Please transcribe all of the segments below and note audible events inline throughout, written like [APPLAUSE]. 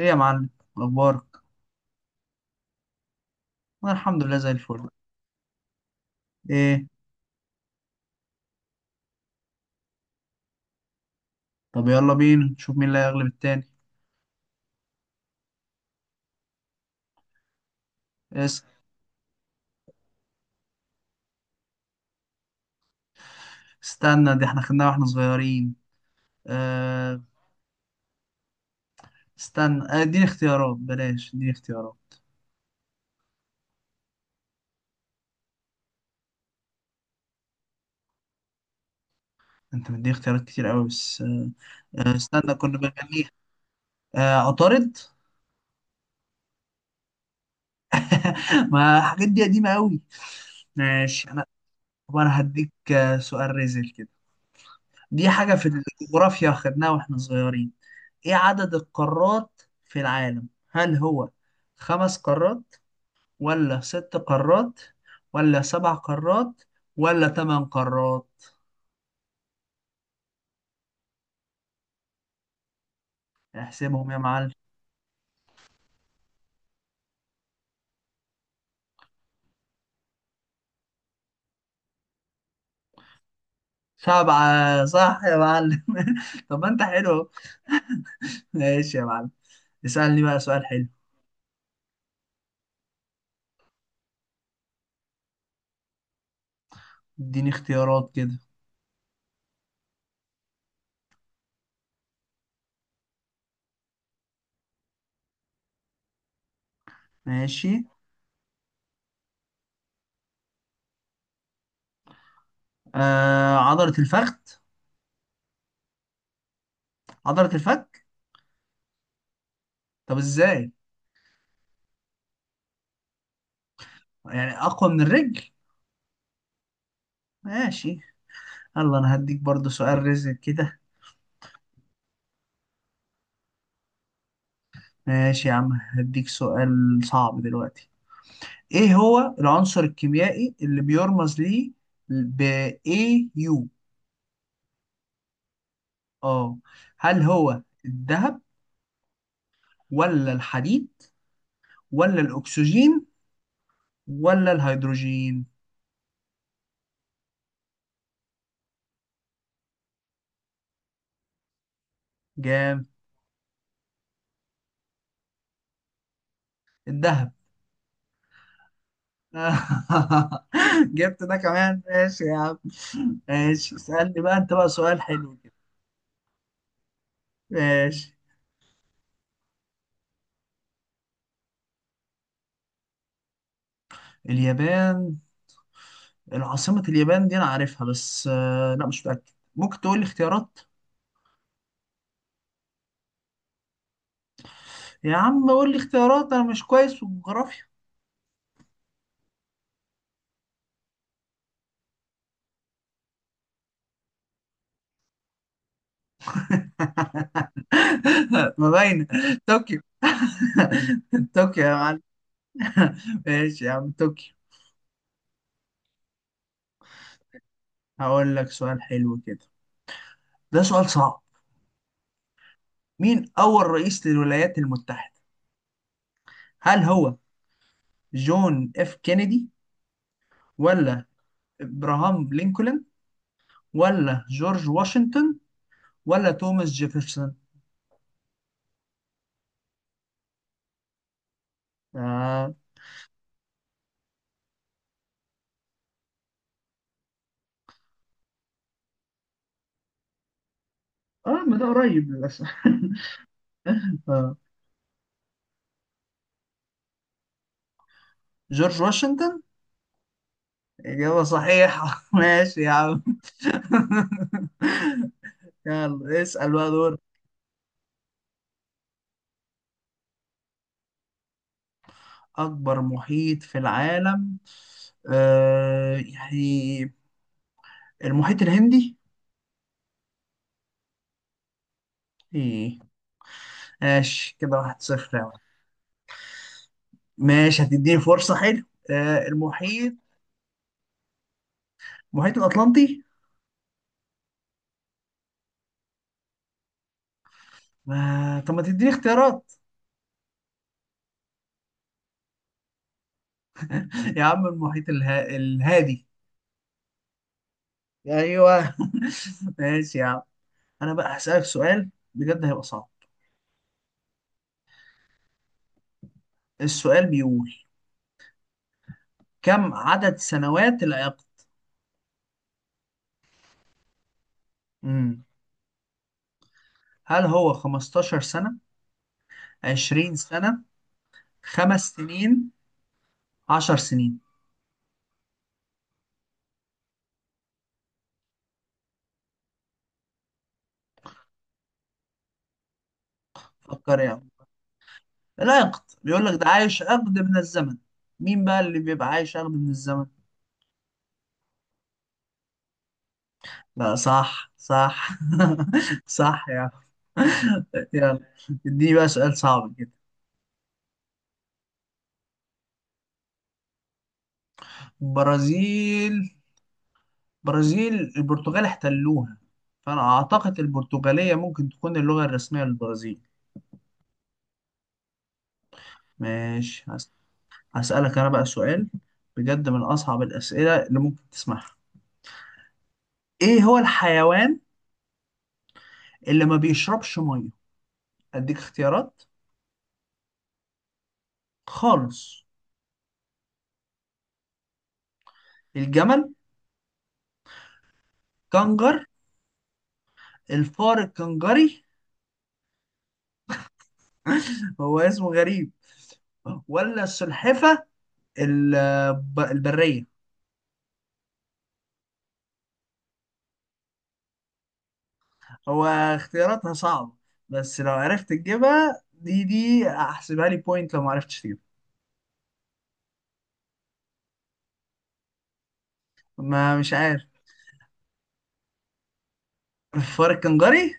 ايه يا معلم؟ اخبارك؟ انا الحمد لله زي الفل. ايه؟ طب يلا بينا نشوف مين اللي هيغلب التاني. اس. استنى، دي احنا خدناها واحنا صغيرين. آه. استنى اديني اختيارات، بلاش اديني اختيارات. انت مديني اختيارات كتير قوي بس استنى كنا بنغنيها. آه، عطارد. [LAUGHS] ما الحاجات دي قديمة قوي. ماشي انا. طب انا هديك سؤال ريزل كده. دي حاجة في الجغرافيا خدناها واحنا صغيرين. ايه عدد القارات في العالم؟ هل هو خمس قارات، ولا ست قارات، ولا سبع قارات، ولا تمن قارات؟ احسبهم يا معلم. سبعة صح يا معلم. [LAUGHS] طب ما انت حلو أهو. ماشي يا معلم. اسألني بقى سؤال حلو. اديني اختيارات كده. ماشي. آه، عضلة الفخذ. عضلة الفك. طب ازاي؟ يعني اقوى من الرجل. ماشي. يلا انا هديك برضو سؤال رزق كده. ماشي يا عم. هديك سؤال صعب دلوقتي. ايه هو العنصر الكيميائي اللي بيرمز ليه ب AU؟ اه، هل هو الذهب، ولا الحديد، ولا الاكسجين، ولا الهيدروجين؟ جام. الذهب. [LAUGHS] جبت ده كمان، ماشي يا عم. ماشي، اسألني بقى انت بقى سؤال حلو كده. ماشي. اليابان. العاصمة اليابان دي انا عارفها، بس لا مش متأكد. ممكن تقول لي اختيارات. يا عم قول لي اختيارات، انا مش كويس في الجغرافيا. [LAUGHS] ما باينه. طوكيو. [LAUGHS] طوكيو يا معلم. [LAUGHS] ماشي يا عم، طوكيو. هقول لك سؤال حلو كده. ده سؤال صعب. مين اول رئيس للولايات المتحده؟ هل هو جون اف كينيدي، ولا ابراهام لينكولن، ولا جورج واشنطن، ولا توماس جيفرسون؟ اه. اه، ما ده قريب للاسف. [LAUGHS] آه. جورج واشنطن. إجابة صحيحة. [LAUGHS] ماشي يا عم. [LAUGHS] يلا اسأل بقى دور. أكبر محيط في العالم. يعني، المحيط الهندي. إيه؟ ماشي كده، 1-0 يا عم. ماشي، هتديني فرصة، حلو. آه، المحيط. المحيط الأطلنطي. طب ما تديني اختيارات. [LAUGHS] يا عم المحيط الهادي. أيوه. [LAUGHS] ماشي يا عم. أنا بقى هسألك سؤال بجد هيبقى صعب. السؤال بيقول، كم عدد سنوات العقد؟ مم. هل هو 15 سنة، 20 سنة، 5 سنين، 10 سنين؟ فكر يا عم. العقد بيقول لك ده عايش عقد من الزمن. مين بقى اللي بيبقى عايش عقد من الزمن؟ لا صح صح. [LAUGHS] صح يا عم. يلا اديني بقى سؤال صعب كده. برازيل. برازيل البرتغال احتلوها، فانا اعتقد البرتغالية ممكن تكون اللغة الرسمية للبرازيل. ماشي. هسألك أنا بقى سؤال بجد من أصعب الأسئلة اللي ممكن تسمعها. إيه هو الحيوان اللي ما بيشربش مية؟ أديك اختيارات. خالص. الجمل، كنجر، الفار الكنجري. [LAUGHS] هو اسمه غريب. ولا السلحفة البرية. هو اختياراتها صعبة، بس لو عرفت تجيبها دي أحسبها لي بوينت لو ما عرفتش تجيبها. ما مش عارف. الفار الكنجري.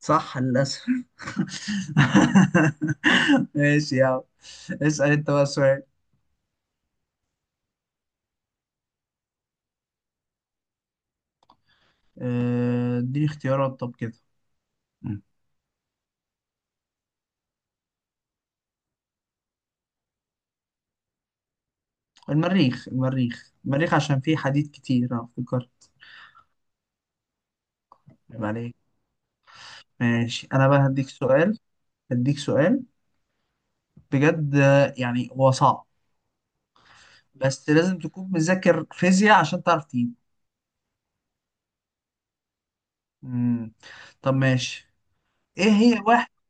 صح للأسف. [LAUGHS] ماشي يا عم. اسأل انت بقى سؤال. اديني اختيارات طب كده. مم. المريخ المريخ المريخ عشان فيه حديد كتير انا افتكر. عيب عليك. ماشي انا بقى هديك سؤال. هديك سؤال بجد، يعني هو صعب. بس لازم تكون مذاكر فيزياء عشان تعرف تجيبه. مم. طب ماشي. ايه هي وحدة.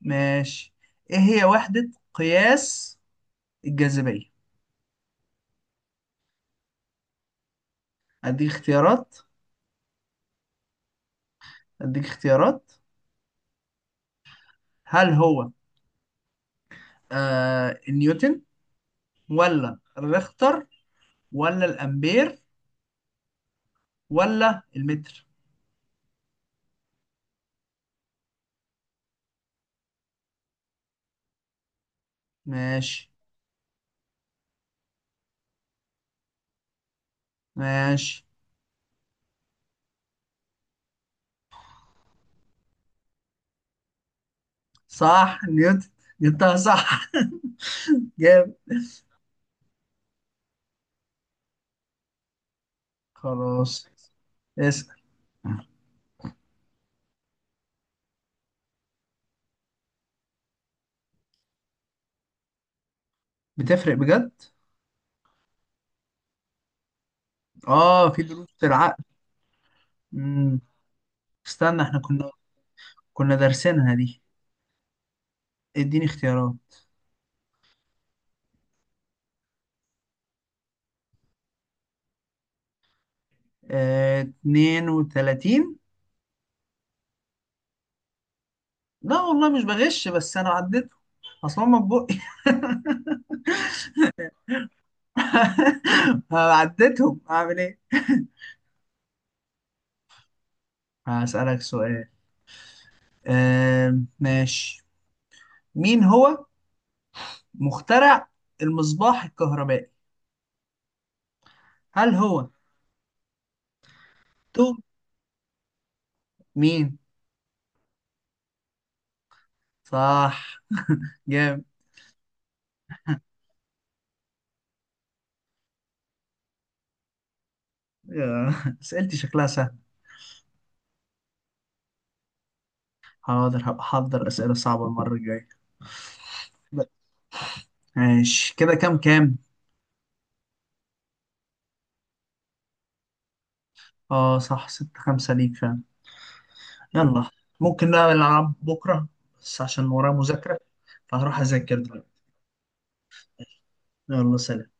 ماشي. ايه هي وحدة قياس الجاذبية؟ اديك اختيارات. اديك اختيارات. هل هو النيوتن، ولا الريختر، ولا الامبير، ولا المتر؟ ماشي. ماشي. صح نيوتن. جبتها صح. [LAUGHS] جامد. خلاص. اسأل. بتفرق بجد. اه، في دروس في العقل. مم. استنى احنا كنا دارسينها دي. اديني اختيارات. آه، 32. لا والله مش بغش بس انا عديت اصلا، ما بقى. [LAUGHS] [LAUGHS] عديتهم اعمل ايه. [LAUGHS] هسألك سؤال. ماشي. مين هو مخترع المصباح الكهربائي؟ هل هو توم، مين؟ صح. جامد. آه، اسئلتي شكلها سهل. حاضر هبقى احضر اسئله صعبه المره الجايه. ماشي كده، كام كام؟ اه، صح 6-5 ليك فعلا. يلا. ممكن بقى نلعب بكره، بس عشان ورايا مذاكره، فهروح اذاكر دلوقتي. يلا، سلام.